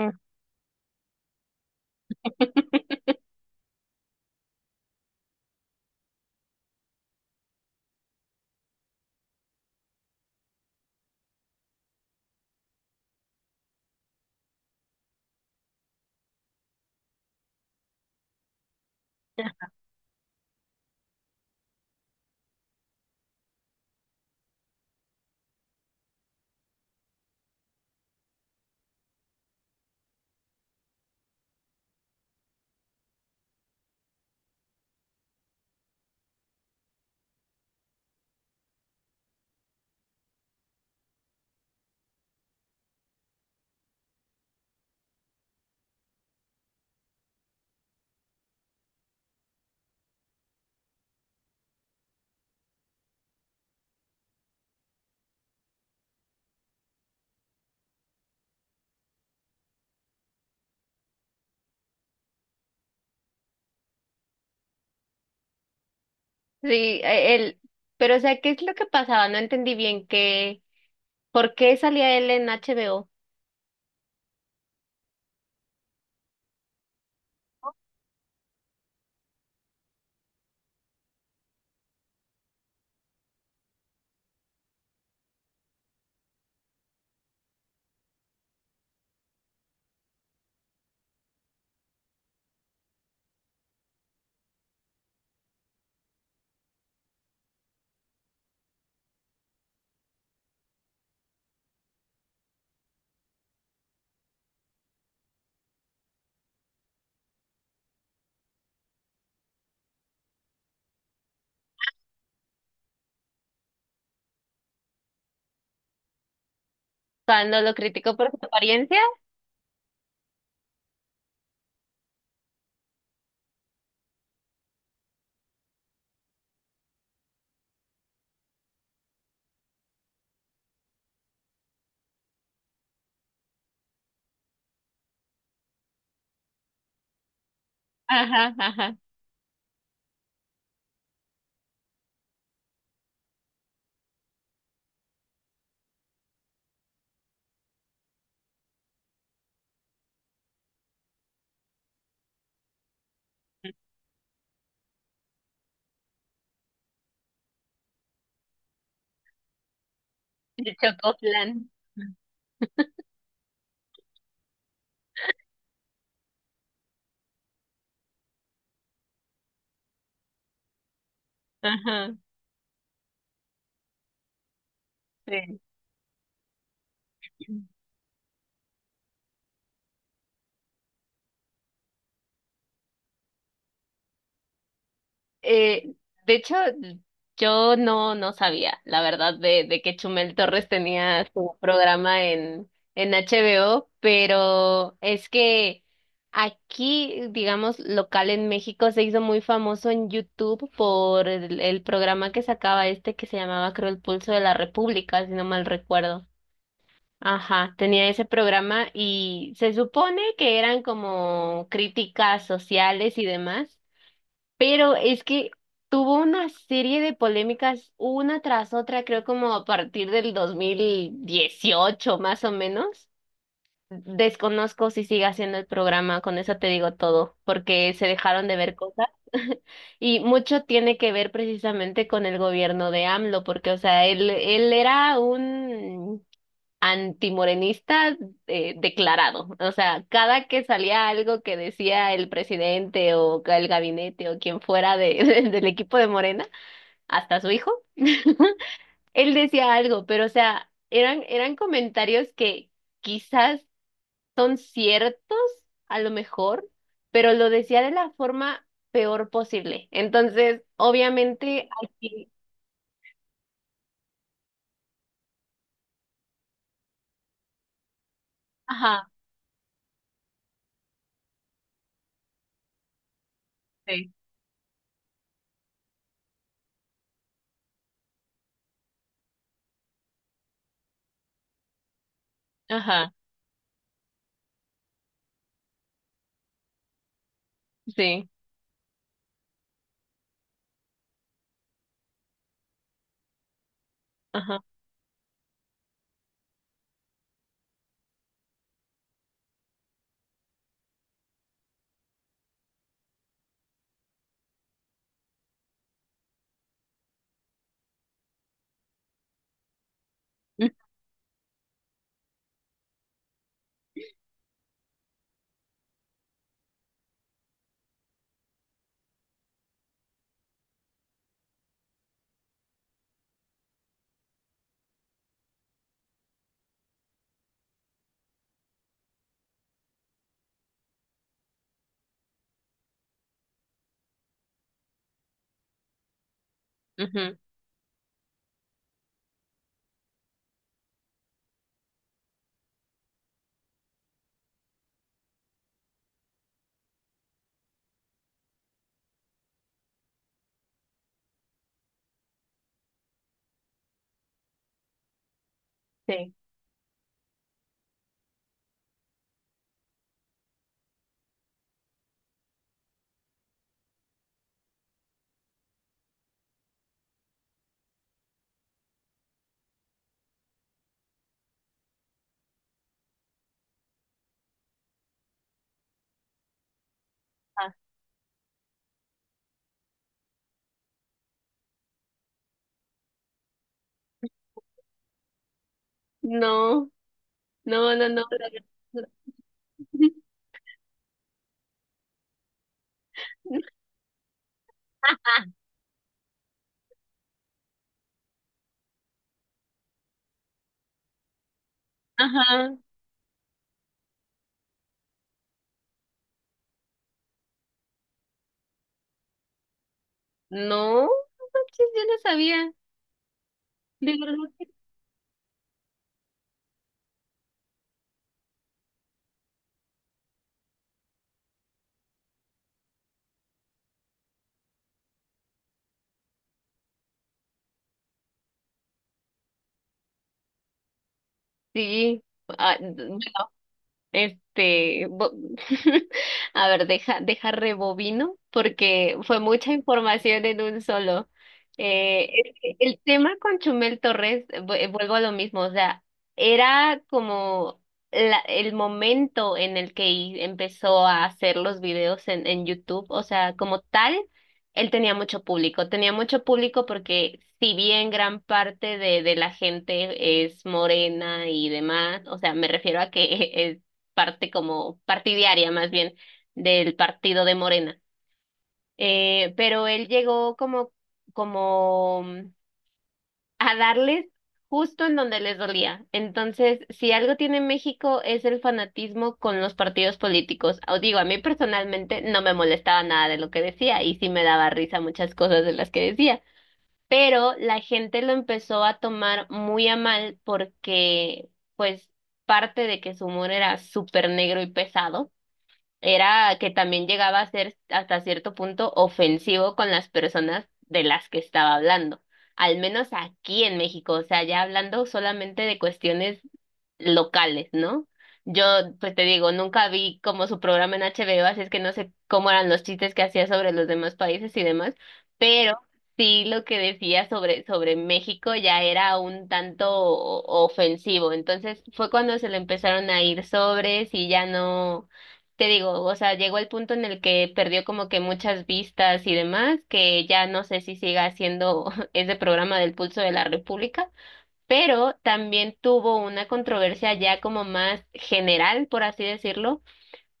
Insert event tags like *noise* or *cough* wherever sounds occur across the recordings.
Mm. Sí, él, pero o sea, ¿qué es lo que pasaba? No entendí ¿por qué salía él en HBO? Cuando lo criticó por su apariencia. Ajá, ajá. El chocó plan. *laughs* Ajá, sí. Eh, de hecho, yo no sabía, la verdad, de que Chumel Torres tenía su programa en HBO, pero es que aquí, digamos, local en México se hizo muy famoso en YouTube por el programa que sacaba este que se llamaba, creo, El Pulso de la República, si no mal recuerdo. Ajá, tenía ese programa y se supone que eran como críticas sociales y demás. Pero es que tuvo una serie de polémicas una tras otra, creo como a partir del 2018 más o menos. Desconozco si sigue haciendo el programa, con eso te digo todo, porque se dejaron de ver cosas. *laughs* Y mucho tiene que ver precisamente con el gobierno de AMLO, porque, o sea, él era un antimorenista declarado. O sea, cada que salía algo que decía el presidente o el gabinete o quien fuera de, *laughs* del equipo de Morena, hasta su hijo, *laughs* él decía algo, pero o sea, eran comentarios que quizás son ciertos, a lo mejor, pero lo decía de la forma peor posible. Entonces, obviamente, aquí, ajá, sí, ajá, sí, ajá, *laughs* mm, ujú, sí. Ah, no, no, no, no, la verdad. *laughs* Ajá. No, no manches, yo no sabía. De verdad que sí. Ah, Este, bo- *laughs* a ver, deja, deja rebobino porque fue mucha información en un solo. Eh, el tema con Chumel Torres, vuelvo a lo mismo, o sea, era como el momento en el que empezó a hacer los videos en YouTube, o sea, como tal, él tenía mucho público porque si bien gran parte de la gente es morena y demás, o sea, me refiero a que *laughs* parte como partidaria más bien del partido de Morena. Pero él llegó como, como, a darles justo en donde les dolía. Entonces, si algo tiene México es el fanatismo con los partidos políticos. Os digo, a mí personalmente no me molestaba nada de lo que decía y sí me daba risa muchas cosas de las que decía. Pero la gente lo empezó a tomar muy a mal porque, pues, parte de que su humor era súper negro y pesado era que también llegaba a ser hasta cierto punto ofensivo con las personas de las que estaba hablando, al menos aquí en México, o sea, ya hablando solamente de cuestiones locales, ¿no? Yo, pues te digo, nunca vi como su programa en HBO, así es que no sé cómo eran los chistes que hacía sobre los demás países y demás, pero sí lo que decía sobre México ya era un tanto ofensivo. Entonces fue cuando se le empezaron a ir sobres y ya no, te digo, o sea, llegó el punto en el que perdió como que muchas vistas y demás, que ya no sé si siga haciendo *laughs* ese programa del Pulso de la República, pero también tuvo una controversia ya como más general, por así decirlo,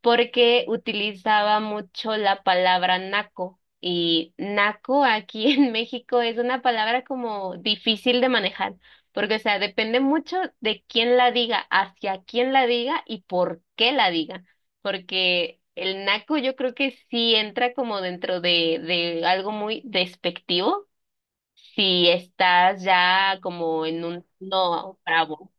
porque utilizaba mucho la palabra naco. Y naco aquí *laughs* en México es una palabra como difícil de manejar, porque, o sea, depende mucho de quién la diga, hacia quién la diga y por qué la diga, porque el naco yo creo que sí entra como dentro de algo muy despectivo si estás ya como en un no bravo.